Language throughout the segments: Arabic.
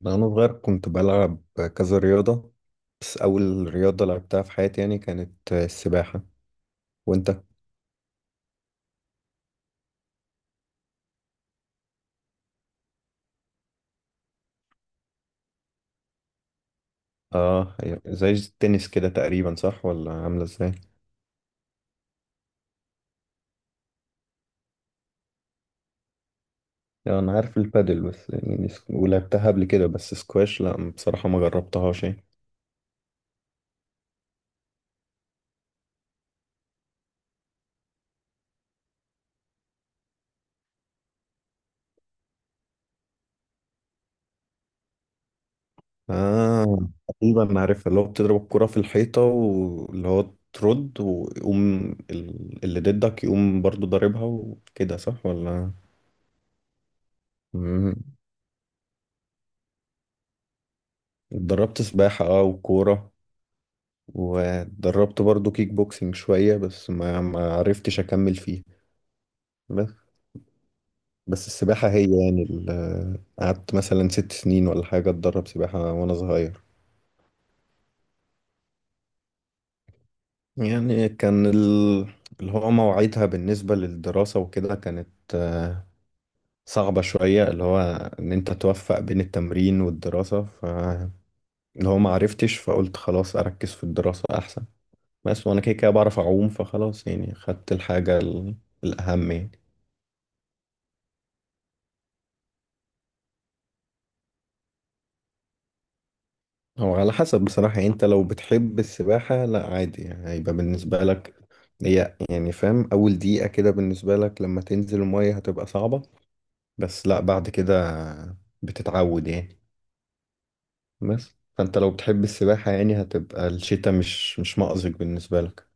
وأنا صغير كنت بلعب كذا رياضة. بس أول رياضة لعبتها في حياتي يعني كانت السباحة. وأنت؟ آه، هي زي التنس كده تقريبا، صح ولا عاملة إزاي؟ يعني أنا عارف البادل، بس يعني ولعبتها قبل كده. بس سكواش لأ، بصراحة ما جربتهاش يعني. آه، تقريبا عارفها، اللي هو بتضرب الكرة في الحيطة، واللي هو ترد ويقوم، اللي ضدك يقوم برضو ضاربها وكده، صح ولا؟ مم. اتدربت سباحة، اه، وكورة. ودربت برضو كيك بوكسنج شوية بس ما عرفتش أكمل فيه. بس. بس السباحة هي يعني قعدت مثلا 6 سنين ولا حاجة أتدرب سباحة وأنا صغير. يعني كان اللي هو مواعيدها بالنسبة للدراسة وكده كانت آه، صعبة شوية، اللي هو إن أنت توفق بين التمرين والدراسة، فاللي هو ما عرفتش، فقلت خلاص أركز في الدراسة أحسن. بس وأنا كده كده بعرف أعوم، فخلاص يعني خدت الحاجة الأهم يعني. هو على حسب بصراحة، يعني انت لو بتحب السباحة لا عادي، يعني هيبقى بالنسبة لك. هي يعني، فاهم، أول دقيقة كده بالنسبة لك لما تنزل المية هتبقى صعبة، بس لا بعد كده بتتعود يعني. بس فانت لو بتحب السباحة يعني هتبقى الشتاء مش مأزق بالنسبة لك.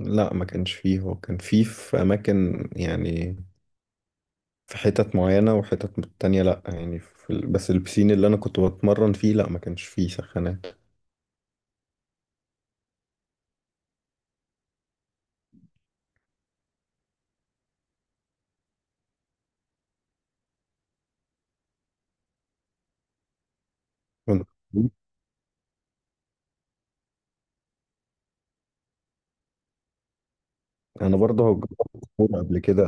لا ما كانش فيه. هو كان فيه في أماكن يعني، في حتت معينة وحتت تانية. لا يعني في بس البسين اللي أنا كنت بتمرن فيه لا ما كانش فيه سخانات. انا برضه جربت الكوره قبل كده.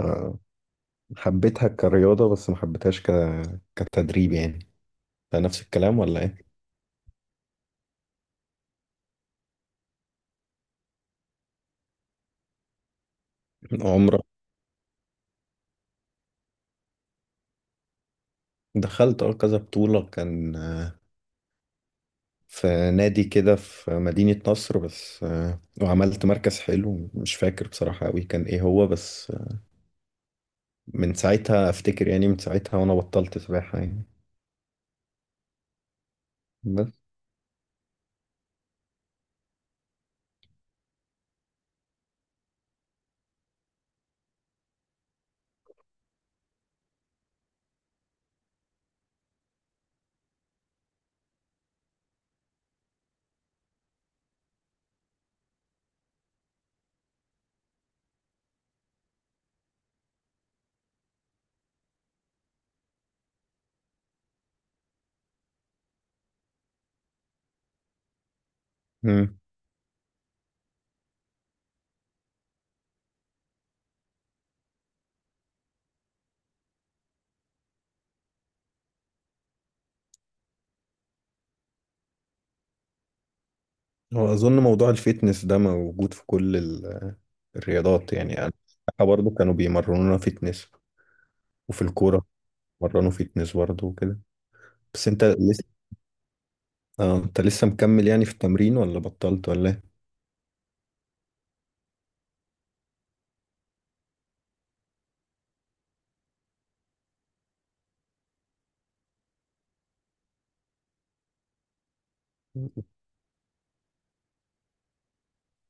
حبيتها كرياضه بس ما حبيتهاش كتدريب يعني. ده نفس الكلام ولا ايه؟ عمرك دخلت، كذا بطوله كان، في نادي كده في مدينه نصر، بس وعملت مركز حلو، مش فاكر بصراحه قوي كان ايه هو، بس من ساعتها افتكر، يعني من ساعتها وانا بطلت سباحه يعني. بس. مم. هو اظن موضوع الفيتنس ده موجود في كل الرياضات يعني. انا برضه كانوا بيمرنونا فيتنس، وفي الكوره مرنوا فيتنس برضه وكده. بس انت لسه اه انت لسه مكمل يعني في التمرين ولا بطلت ولا ايه؟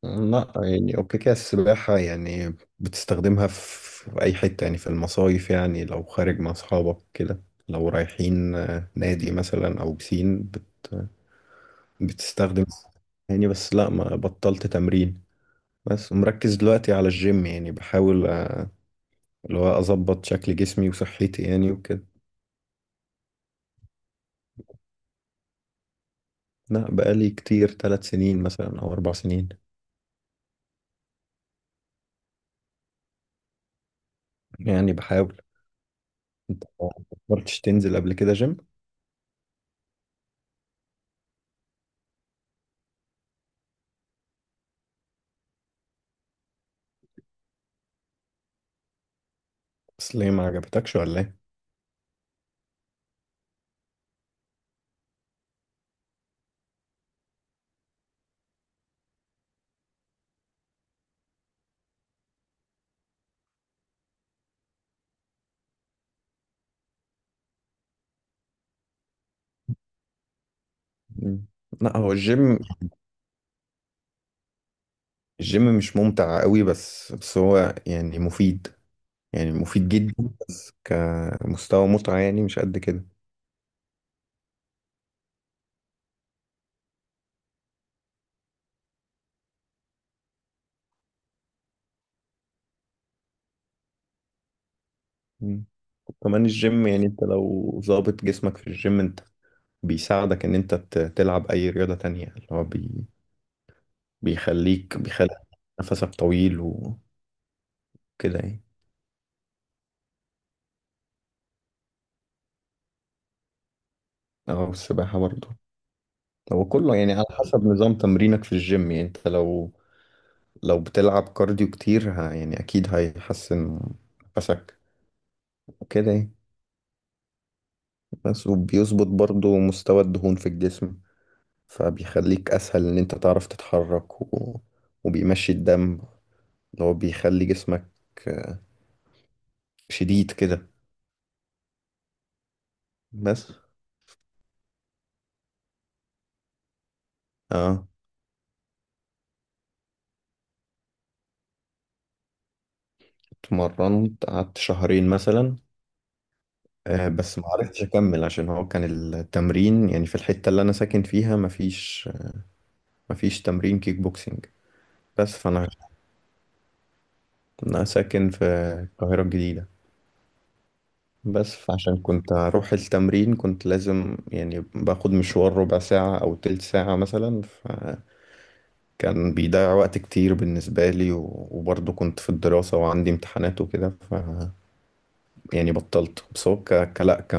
لا يعني، اوكي كده، السباحة يعني بتستخدمها في أي حتة، يعني في المصايف، يعني لو خارج مع أصحابك كده، لو رايحين نادي مثلا أو بسين بتستخدم يعني. بس لا ما بطلت تمرين. بس مركز دلوقتي على الجيم، يعني بحاول اللي هو أظبط شكل جسمي وصحتي يعني وكده. لا بقالي كتير، 3 سنين مثلا أو 4 سنين. يعني بحاول. انت ما فكرتش تنزل قبل كده جيم؟ بس ليه، ما عجبتكش ولا ايه؟ مم. لا هو الجيم مش ممتع قوي، بس هو يعني مفيد، يعني مفيد جدا. بس كمستوى متعة يعني مش قد كده. مم. وكمان الجيم، يعني انت لو ظابط جسمك في الجيم انت بيساعدك ان انت تلعب اي رياضة تانية، اللي هو بيخلي نفسك طويل وكده يعني. اه، السباحة برضه. هو كله يعني على حسب نظام تمرينك في الجيم، يعني انت لو بتلعب كارديو كتير، يعني اكيد هيحسن نفسك وكده يعني. بس وبيظبط برضو مستوى الدهون في الجسم، فبيخليك اسهل ان انت تعرف تتحرك وبيمشي الدم اللي هو بيخلي جسمك شديد كده. بس. اه، اتمرنت قعدت شهرين مثلا. بس ما عرفتش اكمل عشان هو كان التمرين يعني في الحتة اللي انا ساكن فيها مفيش تمرين كيك بوكسينج. بس أنا ساكن في القاهرة الجديدة. بس فعشان كنت أروح التمرين كنت لازم يعني باخد مشوار ربع ساعة أو تلت ساعة مثلا، فكان بيضيع وقت كتير بالنسبة لي، وبرضه كنت في الدراسة وعندي امتحانات وكده، ف. يعني بطلت. بس هو لا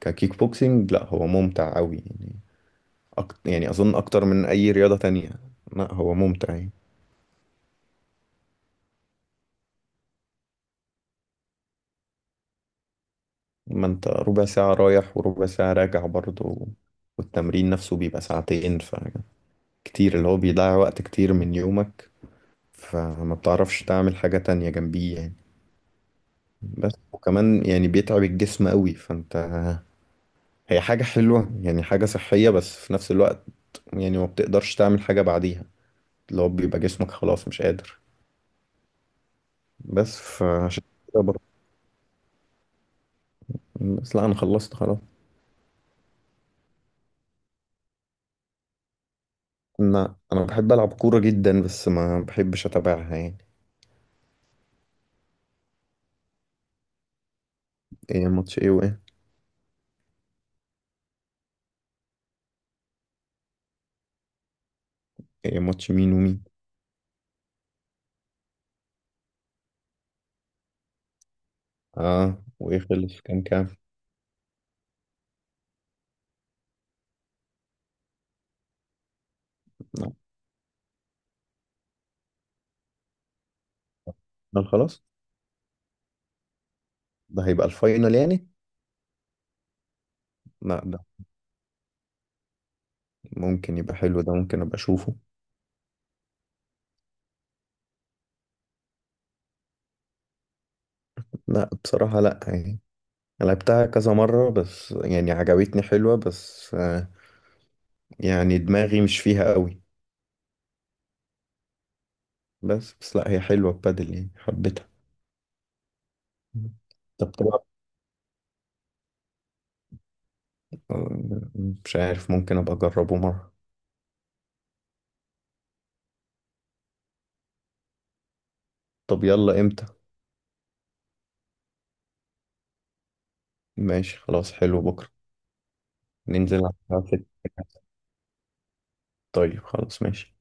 ككيك بوكسينج، لا هو ممتع أوي يعني. يعني أظن أكتر من أي رياضة تانية. لا هو ممتع يعني. ما أنت ربع ساعة رايح وربع ساعة راجع برضه، والتمرين نفسه بيبقى ساعتين، ف كتير، اللي هو بيضيع وقت كتير من يومك، فما بتعرفش تعمل حاجة تانية جنبيه يعني. بس وكمان يعني بيتعب الجسم قوي. فانت هي حاجة حلوة يعني، حاجة صحية، بس في نفس الوقت يعني ما بتقدرش تعمل حاجة بعديها، اللي هو بيبقى جسمك خلاص مش قادر. بس فعشان كده برضه. بس لا، انا خلصت خلاص. لا انا بحب العب كورة جدا بس ما بحبش اتابعها يعني. ايه، ماتش ايه وايه؟ ايه، ماتش مين ومين؟ اه، وايه، خلص كام كام؟ لا، لا، خلاص. ده هيبقى الفاينل يعني؟ لا ده، ممكن يبقى حلو. ده ممكن ابقى اشوفه. لا بصراحة لا يعني. لعبتها كذا مرة بس، يعني عجبتني، حلوة، بس يعني دماغي مش فيها قوي. بس لا هي حلوة، ببادل يعني حبيتها. طب طبعا. آه، مش عارف، ممكن ابقى اجربه مرة. طب يلا امتى؟ ماشي خلاص، حلو بكرة. ننزل على الساعة 6. طيب خلاص ماشي.